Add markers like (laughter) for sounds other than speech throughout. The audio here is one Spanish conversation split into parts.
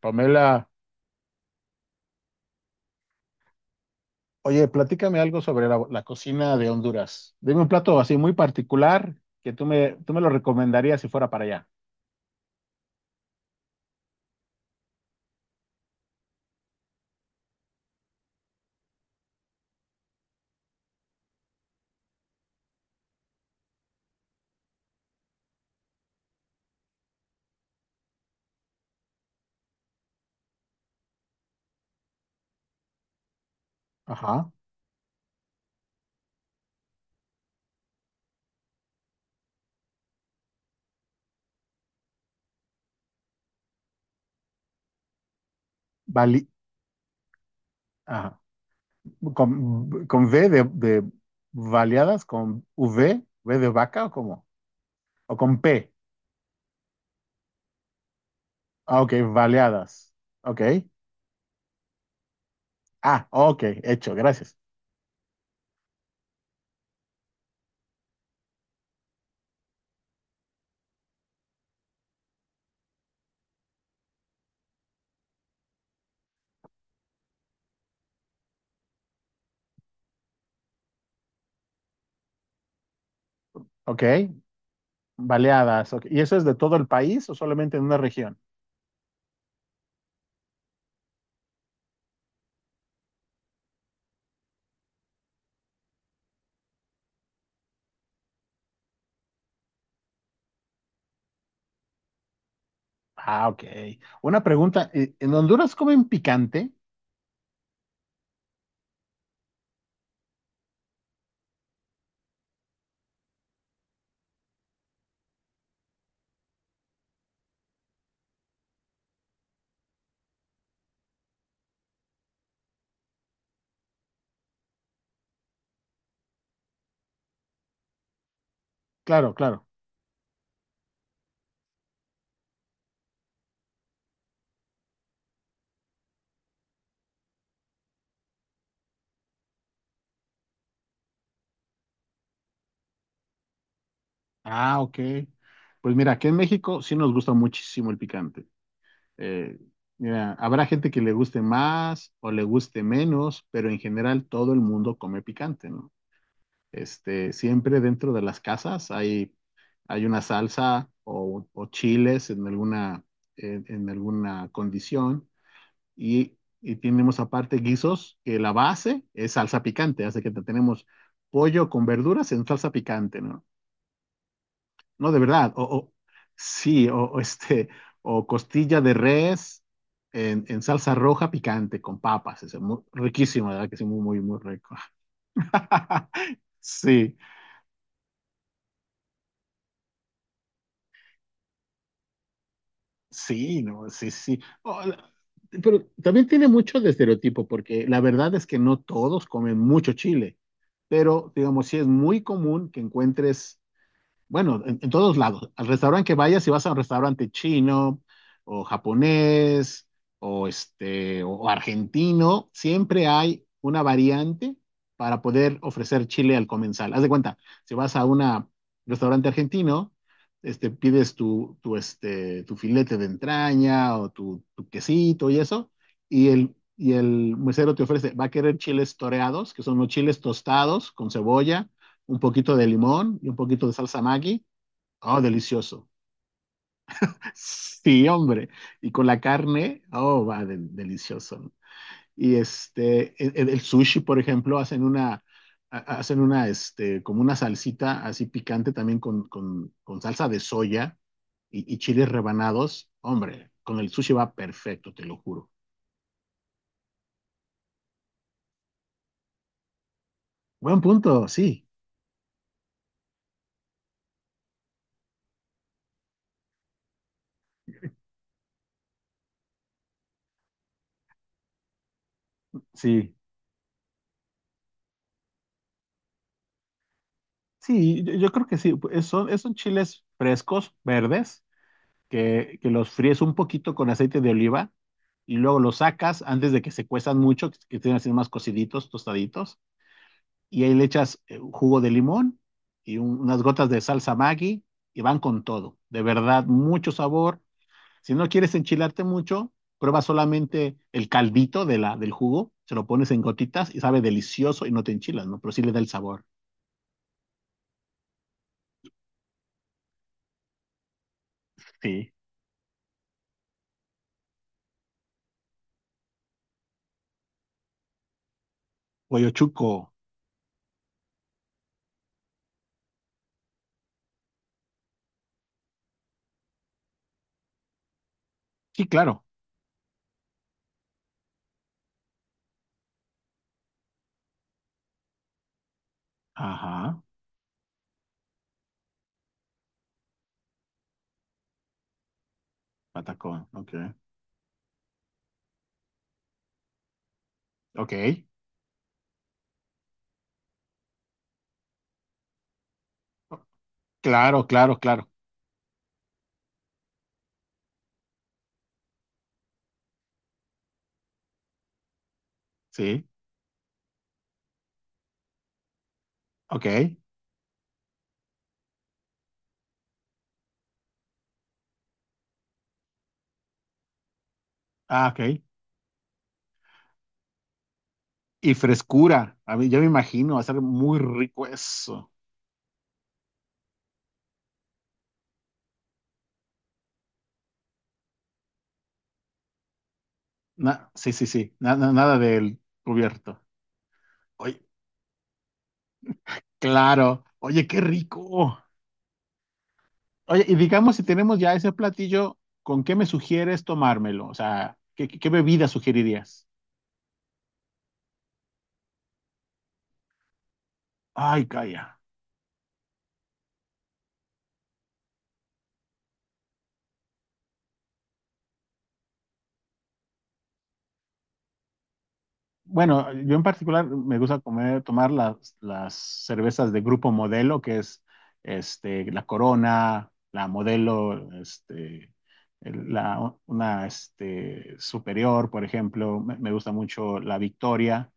Pamela, oye, platícame algo sobre la cocina de Honduras. Dime un plato así muy particular que tú me lo recomendarías si fuera para allá. Ajá. Bali, ajá. Con V de baleadas, con V, V de vaca o ¿cómo? O con P. Ah, ok, baleadas. Ok. Ah, ok, hecho, gracias. Ok, baleadas. Ok. ¿Y eso es de todo el país o solamente en una región? Ah, ok. Una pregunta, ¿en Honduras comen picante? Claro, claro. Ah, ok. Pues mira, aquí en México sí nos gusta muchísimo el picante. Eh, mira, habrá gente que le guste más o le guste menos, pero en general todo el mundo come picante, ¿no? Este, siempre dentro de las casas hay una salsa o chiles en alguna, en alguna condición y tenemos aparte guisos que la base es salsa picante, así que tenemos pollo con verduras en salsa picante, ¿no? No, de verdad. Sí, o este, o costilla de res en salsa roja picante con papas. Es muy, riquísimo, de verdad que sí, muy, muy, muy rico. (laughs) Sí, sí, no, sí, sí. Pero también tiene mucho de estereotipo, porque la verdad es que no todos comen mucho chile, pero digamos, sí es muy común que encuentres. Bueno, en todos lados. Al restaurante que vayas, si vas a un restaurante chino o japonés o este o argentino, siempre hay una variante para poder ofrecer chile al comensal. Haz de cuenta, si vas a un restaurante argentino, este, pides este, tu filete de entraña o tu quesito y eso, y el mesero te ofrece, va a querer chiles toreados, que son los chiles tostados con cebolla un poquito de limón y un poquito de salsa Maggi. Oh, delicioso. Sí, hombre. Y con la carne, oh, va, delicioso. Y este, el sushi, por ejemplo, hacen una, hacen una, este, como una salsita así picante también con, con salsa de soya y chiles rebanados. Hombre, con el sushi va perfecto, te lo juro. Buen punto, sí. Sí, sí, yo creo que sí. Pues, son chiles frescos, verdes que los fríes un poquito con aceite de oliva y luego los sacas antes de que se cuezan mucho, que estén así más cociditos, tostaditos, y ahí le echas jugo de limón y unas gotas de salsa Maggi y van con todo. De verdad, mucho sabor. Si no quieres enchilarte mucho, prueba solamente el caldito de del jugo, se lo pones en gotitas y sabe delicioso y no te enchilas, ¿no? Pero sí le da el sabor. Sí. Pollo chuco. Sí, claro. Ajá. Patacón. Ok. Ok. Claro, claro, claro. Sí. Ok. Ah, ok. Y frescura. A mí, yo me imagino, va a ser muy rico eso. Sí, sí, sí. Nada del cubierto. Oye, claro. Oye, qué rico. Oye, y digamos, si tenemos ya ese platillo, ¿con qué me sugieres tomármelo? O sea, ¿qué, qué bebida sugerirías? Ay, calla. Bueno, yo en particular me gusta comer, tomar las cervezas de grupo Modelo, que es este, la Corona, la Modelo, este, una este, Superior, por ejemplo. Me gusta mucho la Victoria,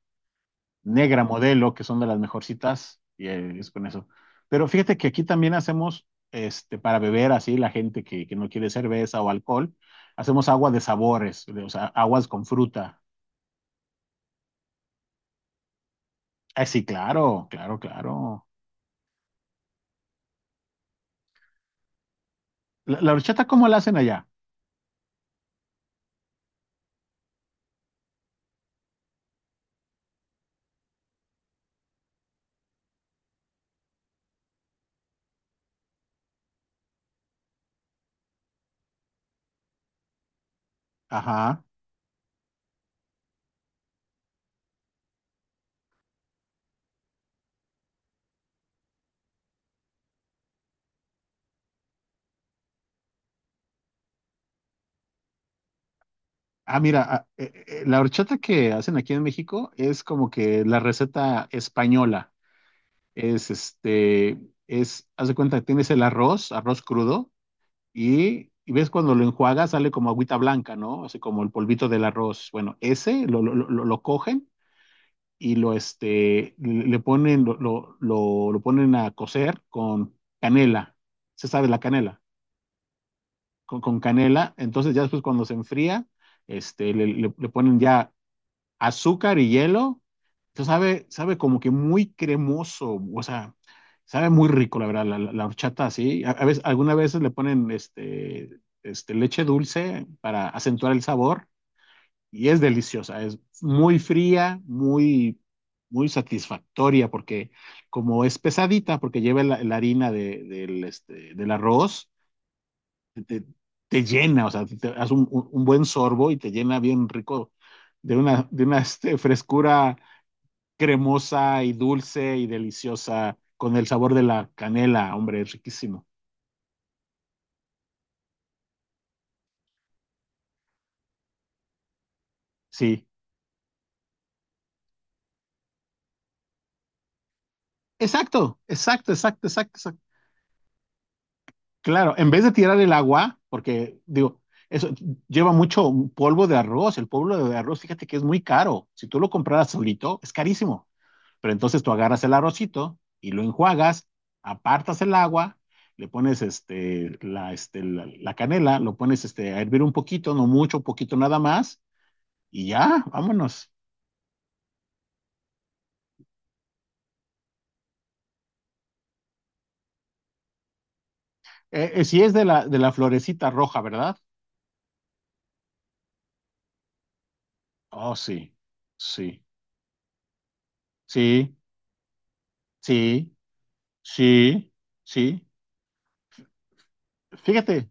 Negra Modelo, que son de las mejorcitas, y es con eso. Pero fíjate que aquí también hacemos este, para beber así la gente que no quiere cerveza o alcohol, hacemos agua de sabores, de o sea, aguas con fruta. Ah, sí, claro, claro, claro. La horchata, ¿cómo la hacen allá? Ajá. Ah, mira, ah, la horchata que hacen aquí en México es como que la receta española. Es este, es, haz de cuenta, tienes el arroz, arroz crudo, y ves cuando lo enjuagas sale como agüita blanca, ¿no? Así como el polvito del arroz. Bueno, ese lo cogen y lo, este, le le ponen, lo ponen a cocer con canela. ¿Se sabe la canela? Con canela. Entonces ya después cuando se enfría, este, le ponen ya azúcar y hielo. Entonces sabe, sabe como que muy cremoso, o sea, sabe muy rico, la verdad, la horchata así. A veces, algunas veces le ponen este, este, leche dulce para acentuar el sabor y es deliciosa, es muy fría, muy, muy satisfactoria porque como es pesadita, porque lleva la harina del, este, del arroz te, te- llena, o sea, te das un, un buen sorbo y te llena bien rico de una este, frescura cremosa y dulce y deliciosa con el sabor de la canela, hombre, es riquísimo. Sí, exacto, exacto, exacto, exacto, exacto. Claro, en vez de tirar el agua, porque digo, eso lleva mucho polvo de arroz, el polvo de arroz, fíjate que es muy caro. Si tú lo compraras solito, es carísimo. Pero entonces tú agarras el arrocito y lo enjuagas, apartas el agua, le pones este, la canela, lo pones este, a hervir un poquito, no mucho, un poquito nada más, y ya, vámonos. Si es de de la florecita roja, ¿verdad? Oh, sí, sí, sí, sí, sí, sí. Fíjate,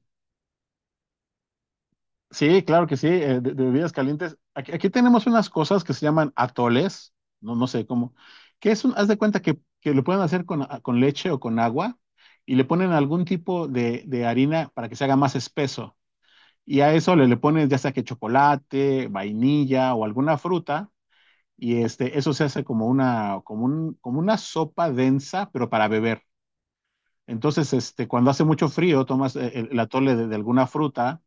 sí, claro que sí, de bebidas calientes. Aquí, aquí tenemos unas cosas que se llaman atoles, no, no sé cómo, que es un, haz de cuenta que lo pueden hacer con, ah, con leche o con agua y le ponen algún tipo de harina para que se haga más espeso. Y a eso le pones ya sea que chocolate, vainilla o alguna fruta y este, eso se hace como una, como una sopa densa, pero para beber. Entonces, este, cuando hace mucho frío, tomas el atole de alguna fruta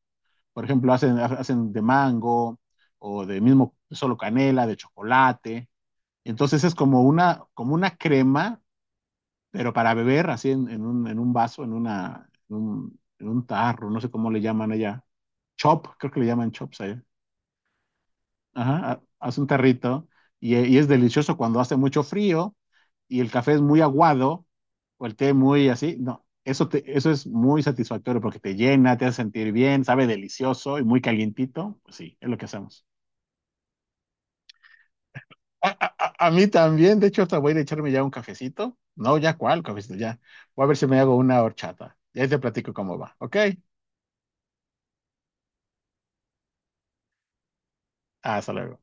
por ejemplo, hacen, hacen de mango o de mismo solo canela, de chocolate. Entonces es como una crema, pero para beber así en un vaso, en, una, en un tarro, no sé cómo le llaman allá. Chop, creo que le llaman chops allá. Ajá, haz un tarrito y, y es delicioso cuando hace mucho frío y el café es muy aguado o el té muy así. No, eso, eso es muy satisfactorio porque te llena, te hace sentir bien, sabe delicioso y muy calientito. Pues sí, es lo que hacemos. A, a mí también, de hecho, hasta voy a ir a echarme ya un cafecito. No, ya cuál cafecito, ya. Voy a ver si me hago una horchata. Ya te platico cómo va, ¿ok? Hasta luego.